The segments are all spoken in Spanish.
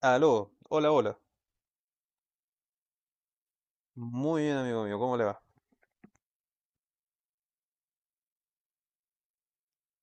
Aló, hola, hola. Muy bien, amigo mío, ¿cómo le va?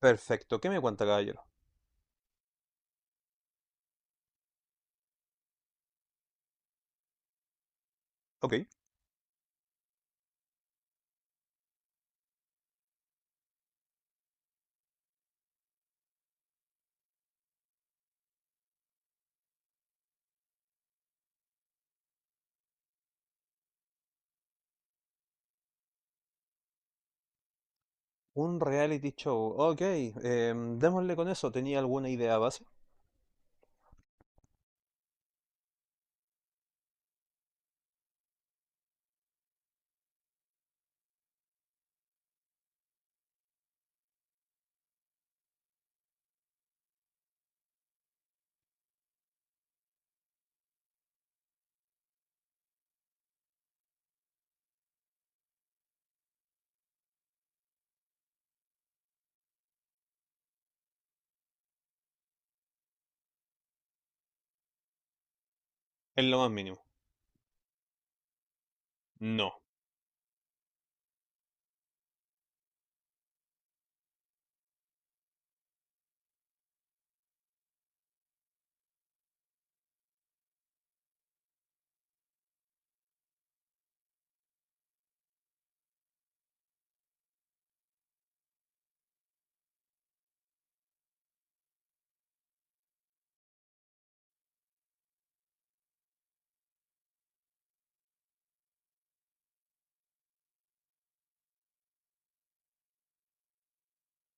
Perfecto, ¿qué me cuenta, caballero? Ok. Un reality show, ok. Démosle con eso, ¿tenía alguna idea base? En lo más mínimo. No.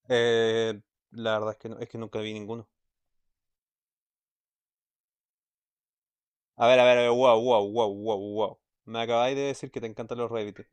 Eh, la verdad es que no, es que nunca vi ninguno. A ver, a ver, a ver, wow, wow, wow, wow, wow. Me acabáis de decir que te encantan los reality.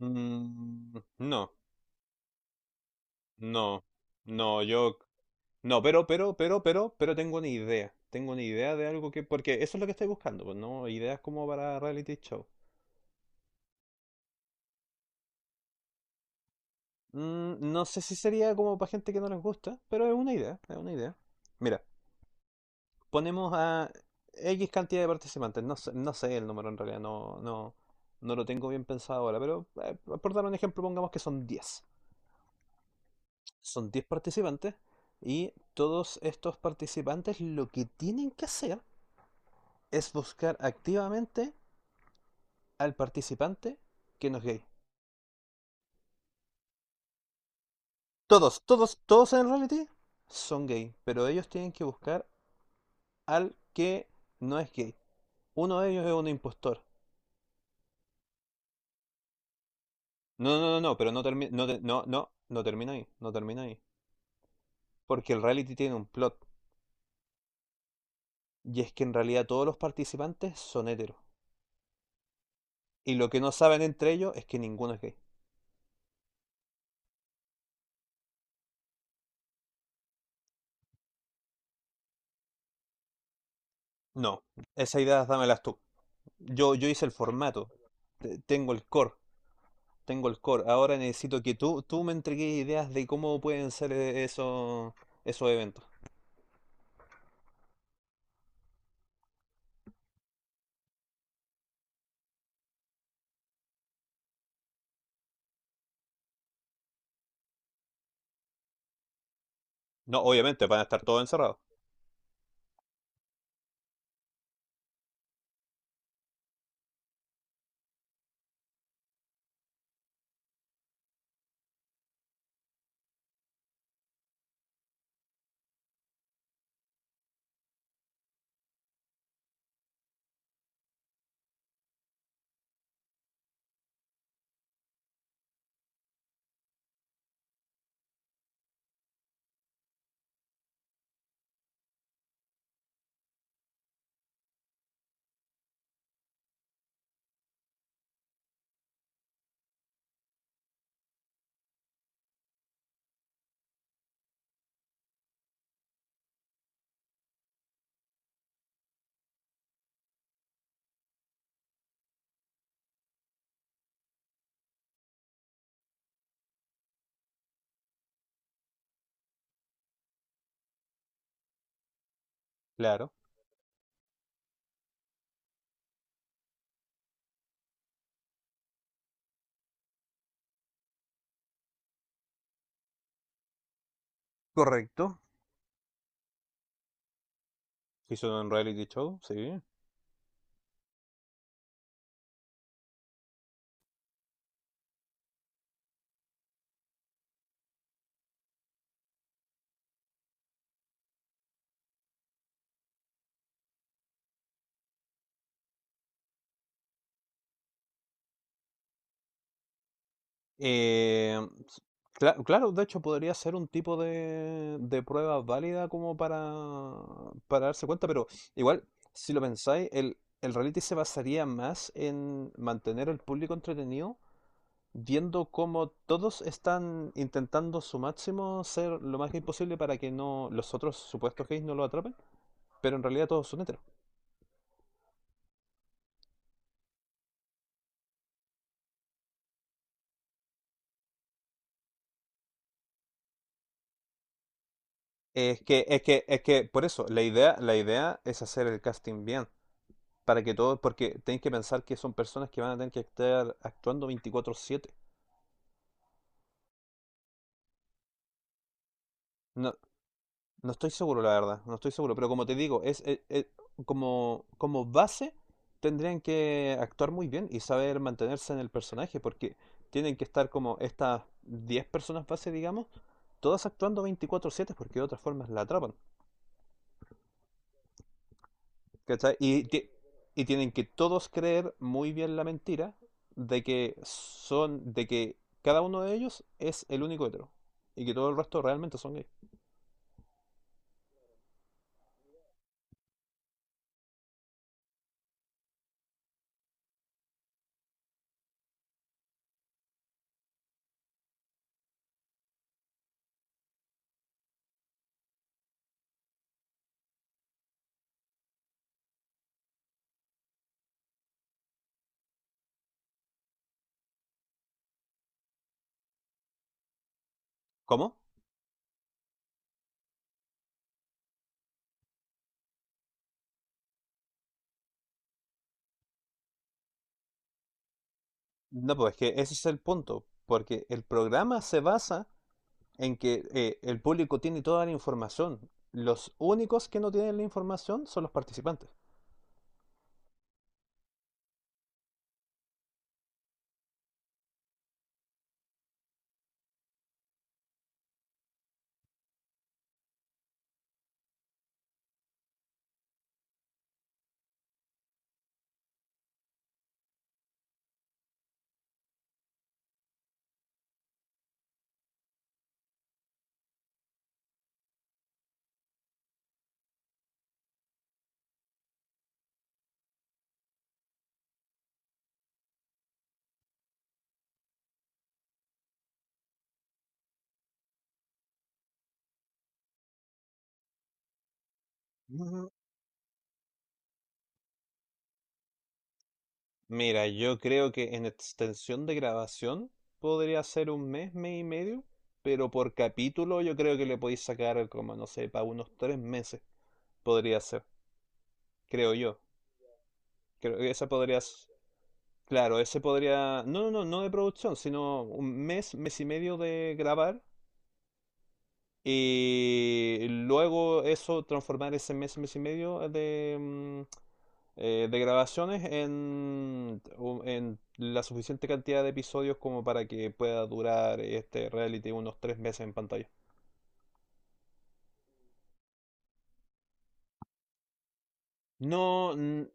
Mm, no, no, no, yo... No, pero tengo una idea. Tengo una idea de algo que... Porque eso es lo que estoy buscando, pues no ideas como para reality show. Mm, no sé si sería como para gente que no les gusta, pero es una idea, es una idea. Mira, ponemos a X cantidad de participantes, no sé, no sé el número en realidad, no lo tengo bien pensado ahora, pero por dar un ejemplo, pongamos que son 10. Son 10 participantes y todos estos participantes lo que tienen que hacer es buscar activamente al participante que no es gay. Todos, todos, todos en el reality son gay, pero ellos tienen que buscar al que no es gay. Uno de ellos es un impostor. No, pero no termina, no termina ahí, no termina ahí. Porque el reality tiene un plot. Y es que en realidad todos los participantes son heteros. Y lo que no saben entre ellos es que ninguno es gay. No, esa idea dámelas tú. Yo hice el formato. Tengo el core, tengo el core. Ahora necesito que tú me entregues ideas de cómo pueden ser esos, esos eventos. No, obviamente, van a estar todos encerrados. Claro. Correcto. Hizo un reality show, sí. Eh, claro, de hecho podría ser un tipo de prueba válida como para darse cuenta, pero igual, si lo pensáis, el reality se basaría más en mantener al público entretenido, viendo cómo todos están intentando su máximo ser lo más gay posible para que no los otros supuestos gays no lo atrapen, pero en realidad todos son heteros. Por eso, la idea es hacer el casting bien, para que todos, porque tenéis que pensar que son personas que van a tener que estar actuando 24/7. No, no estoy seguro, la verdad, no estoy seguro, pero como te digo, como, como base tendrían que actuar muy bien y saber mantenerse en el personaje, porque tienen que estar como estas 10 personas base, digamos, todas actuando 24/7 porque de otra forma la atrapan. ¿Cachai? Y tienen que todos creer muy bien la mentira de que son, de que cada uno de ellos es el único hetero y que todo el resto realmente son gays. ¿Cómo? No, pues es que ese es el punto, porque el programa se basa en que el público tiene toda la información. Los únicos que no tienen la información son los participantes. Mira, yo creo que en extensión de grabación podría ser un mes, mes y medio, pero por capítulo yo creo que le podéis sacar como, no sé, para unos 3 meses podría ser, creo yo. Creo que esa podría, claro, ese podría, no de producción, sino un mes, mes y medio de grabar. Y luego eso, transformar ese mes, mes y medio de, de grabaciones en, en la suficiente cantidad de episodios como para que pueda durar este reality unos 3 meses en pantalla. No, n-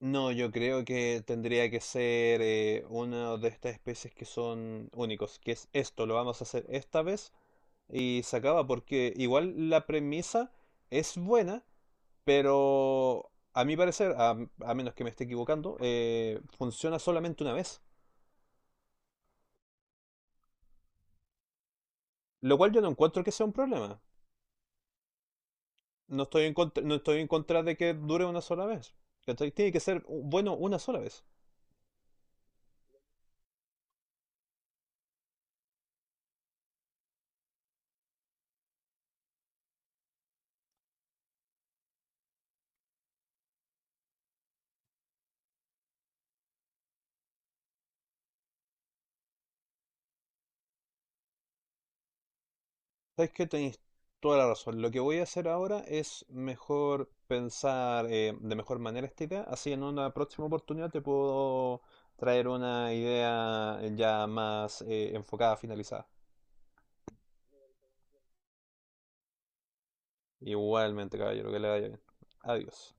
no, yo creo que tendría que ser una de estas especies que son únicos, que es esto, lo vamos a hacer esta vez y se acaba porque igual la premisa es buena. Pero a mi parecer, a menos que me esté equivocando, funciona solamente una vez. Lo cual yo no encuentro que sea un problema. No estoy en contra, no estoy en contra de que dure una sola vez. ¿Cachai? Tiene que ser bueno una sola vez. ¿Sabes qué? Tenéis toda la razón. Lo que voy a hacer ahora es mejor pensar de mejor manera esta idea. Así en una próxima oportunidad te puedo traer una idea ya más enfocada, finalizada. Igualmente, caballero, que le vaya bien. Adiós.